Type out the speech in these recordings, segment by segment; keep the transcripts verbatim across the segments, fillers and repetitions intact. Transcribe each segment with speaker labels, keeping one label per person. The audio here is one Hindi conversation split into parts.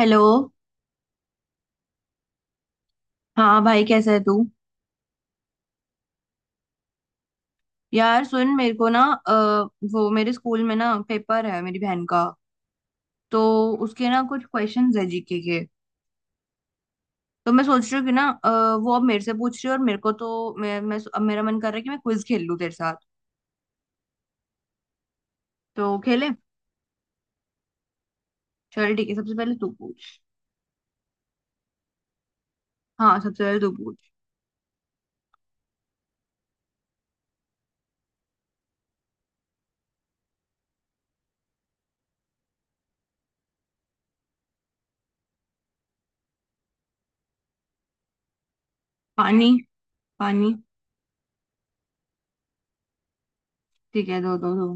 Speaker 1: हेलो। हाँ भाई कैसा है तू। यार सुन मेरे को ना, अ, वो मेरे स्कूल में ना पेपर है मेरी बहन का। तो उसके ना कुछ क्वेश्चंस है जीके के। तो मैं सोच रही हूँ कि ना, अ, वो अब मेरे से पूछ रही है और मेरे को तो मैं, मैं अब मेरा मन कर रहा है कि मैं क्विज खेल लूँ तेरे साथ। तो खेले। चल ठीक है, सबसे पहले तू पूछ। हाँ सबसे पहले तू पूछ। पानी। पानी। ठीक है दो दो दो।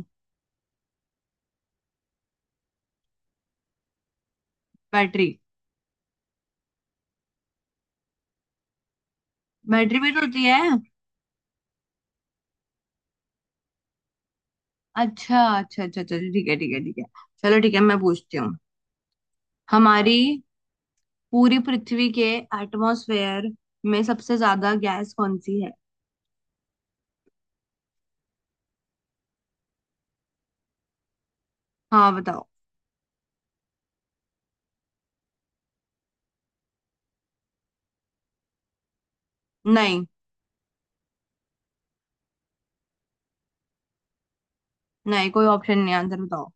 Speaker 1: बैटरी। बैटरी भी तो होती है। अच्छा अच्छा अच्छा, चलो ठीक है ठीक है ठीक है। चलो ठीक है मैं पूछती हूँ। हमारी पूरी पृथ्वी के एटमॉस्फेयर में सबसे ज्यादा गैस कौन सी है? हाँ बताओ। नहीं। नहीं कोई ऑप्शन नहीं, आंसर बताओ।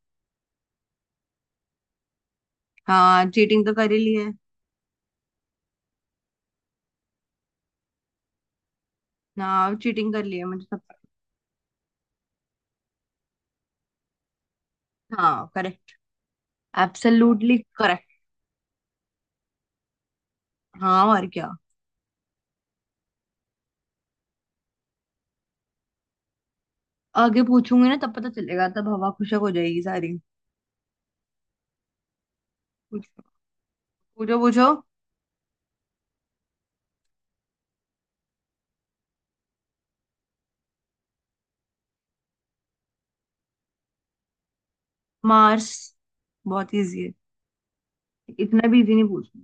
Speaker 1: हाँ चीटिंग तो कर ही ली है। हाँ चीटिंग कर ली है मुझे सब पता। हाँ करेक्ट। Absolutely correct. हाँ और क्या। आगे पूछूंगी ना तब पता चलेगा, तब हवा खुशक हो जाएगी सारी। पूछो। पूछो पूछो। मार्स। बहुत इजी है। इतना भी इजी नहीं पूछना।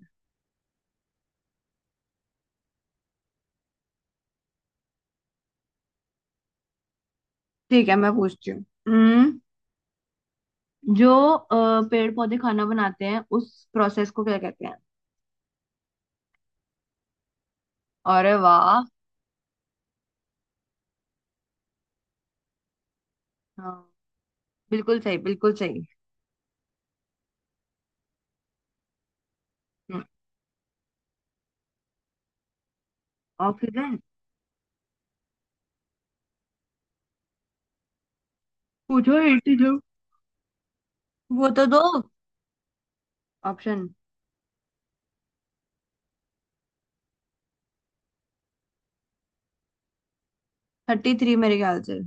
Speaker 1: ठीक है मैं पूछती हूँ। हम्म, जो अ, पेड़ पौधे खाना बनाते हैं उस प्रोसेस को क्या कहते हैं? अरे वाह। हाँ, बिल्कुल सही बिल्कुल सही। हम्म, ऑक्सीजन। पूछो बयासी। वो तो दो। ऑप्शन। थर्टी थ्री मेरे ख्याल से।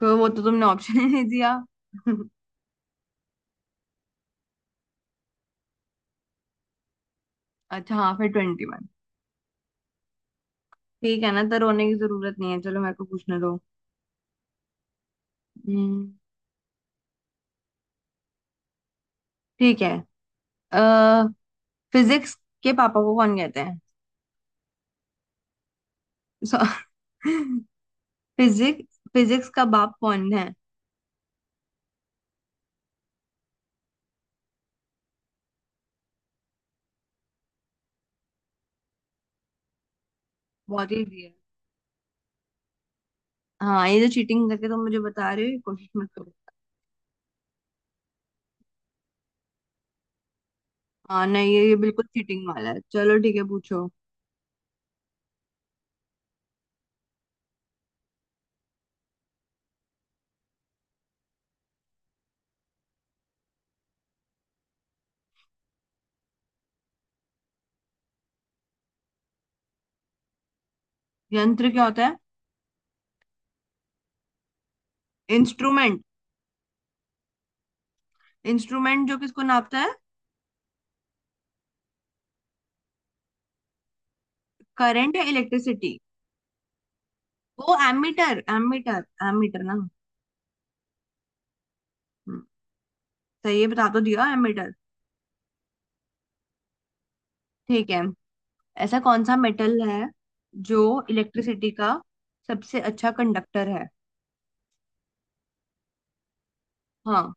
Speaker 1: तो वो तो तुमने ऑप्शन ही नहीं दिया। अच्छा हाँ फिर ट्वेंटी वन। ठीक है ना, तो रोने की जरूरत नहीं है, चलो मेरे को पूछने दो। हम्म, ठीक है। अः फिजिक्स के पापा को कौन कहते हैं? फिजिक्स फिजिक्स का बाप कौन है? बहुत इजी है। हाँ ये जो चीटिंग करके तुम मुझे बता रहे हो, ये कोशिश मत करो। हाँ नहीं, ये ये बिल्कुल चीटिंग वाला है, चलो ठीक है पूछो। यंत्र क्या होता है? इंस्ट्रूमेंट। इंस्ट्रूमेंट जो किसको नापता है? करंट या इलेक्ट्रिसिटी। वो एमीटर एमीटर। एमीटर ना। हम्म, सही है, बता तो दिया एमीटर। ठीक है। ऐसा कौन सा मेटल है जो इलेक्ट्रिसिटी का सबसे अच्छा कंडक्टर है? हाँ।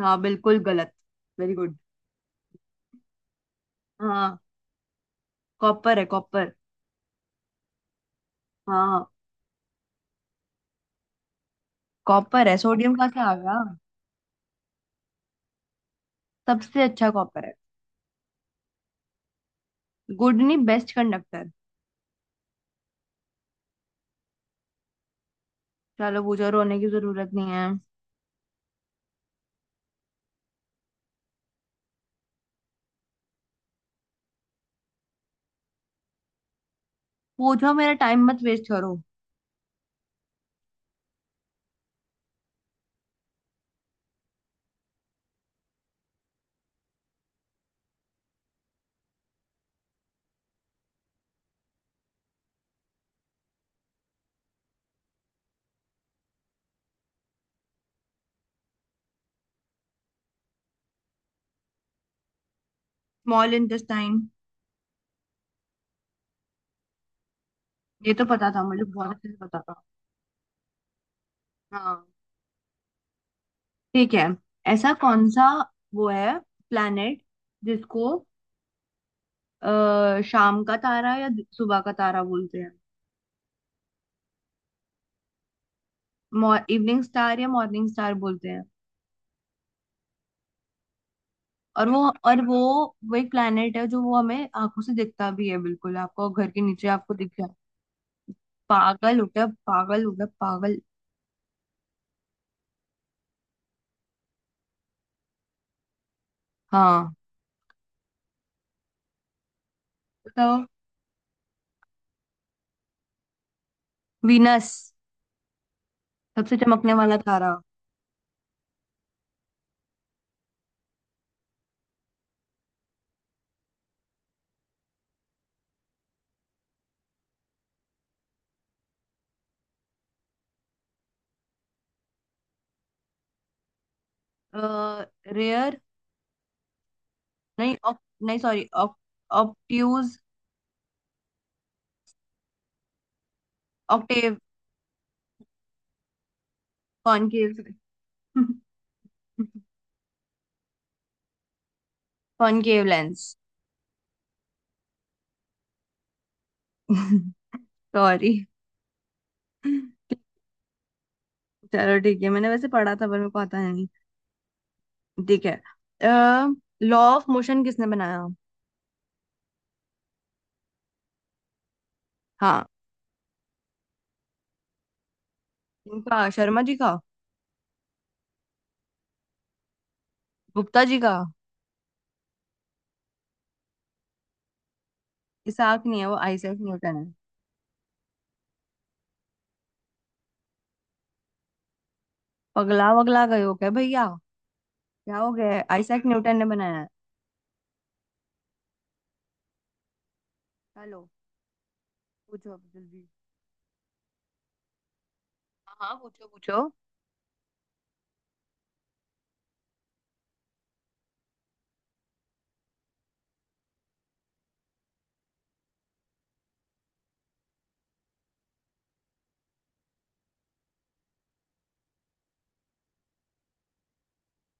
Speaker 1: हाँ बिल्कुल गलत। Very good. हाँ कॉपर है कॉपर। हाँ। कॉपर है, सोडियम कहाँ से आ गया। सबसे अच्छा कॉपर है। गुड नहीं बेस्ट कंडक्टर। चलो पूछो, रोने की जरूरत नहीं है। पूछो, मेरा टाइम मत वेस्ट करो। Small intestine. ये तो पता था मुझे, बहुत अच्छे से पता था। हाँ। ठीक है। ऐसा कौन सा वो है प्लेनेट जिसको आ, शाम का तारा या दि- सुबह का तारा बोलते हैं? इवनिंग स्टार या मॉर्निंग स्टार बोलते हैं। और वो और वो वो एक प्लेनेट है जो वो हमें आंखों से दिखता भी है, बिल्कुल आपको घर के नीचे आपको दिख जाए। पागल हो गया पागल हो गया पागल। हाँ बताओ। वीनस। सबसे चमकने वाला तारा। रेयर। नहीं ऑक, नहीं सॉरी ऑक, ऑप्ट्यूज। ऑक्टेव। कॉनकेव। Concave lens. सॉरी। चलो ठीक है, मैंने वैसे पढ़ा था पर मेरे को आता नहीं। ठीक है। लॉ ऑफ मोशन किसने बनाया? हाँ। इनका शर्मा जी का। गुप्ता जी का। इसाक नहीं है, वो आइजैक न्यूटन है। पगला वगला गए हो क्या भैया? क्या हो गया है? आइजैक न्यूटन ने बनाया है। हेलो। पूछो अब जल्दी। हाँ हाँ, पूछो पूछो।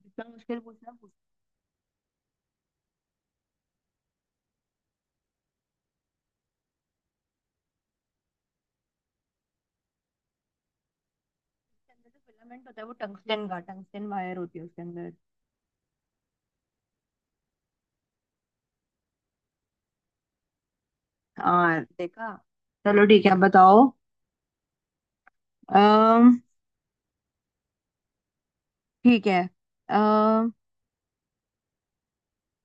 Speaker 1: इतना मुश्किल पूछना पूछना। उसके अंदर जो फिलामेंट होता है वो टंगस्टन का, टंगस्टन वायर होती है उसके अंदर। हाँ देखा। चलो ठीक है अब बताओ। अम्म ठीक है। अम्म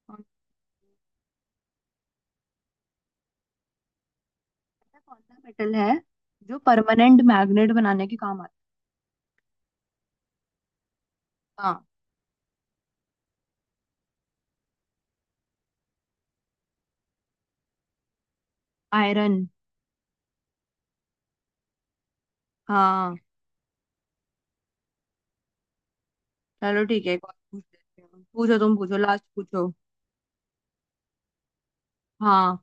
Speaker 1: कौन सा कौन सा मेटल है जो परमानेंट मैग्नेट बनाने के काम आता है? हाँ। आयरन। हाँ। चलो ठीक है एक और पूछ लेते हैं। पूछो तुम, पूछो लास्ट पूछो। हाँ।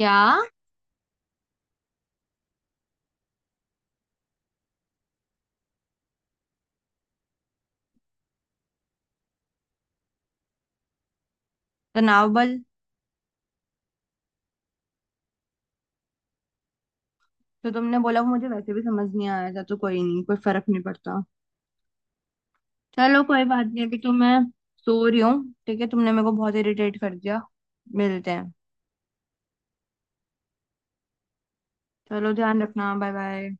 Speaker 1: क्या। तनाव बल। जो तुमने बोला वो मुझे वैसे भी समझ नहीं आया था, तो कोई नहीं, कोई फर्क नहीं पड़ता। चलो कोई बात नहीं, अभी तो मैं सो रही हूँ, ठीक है तुमने मेरे को बहुत इरिटेट कर दिया। मिलते हैं। चलो ध्यान रखना, बाय बाय।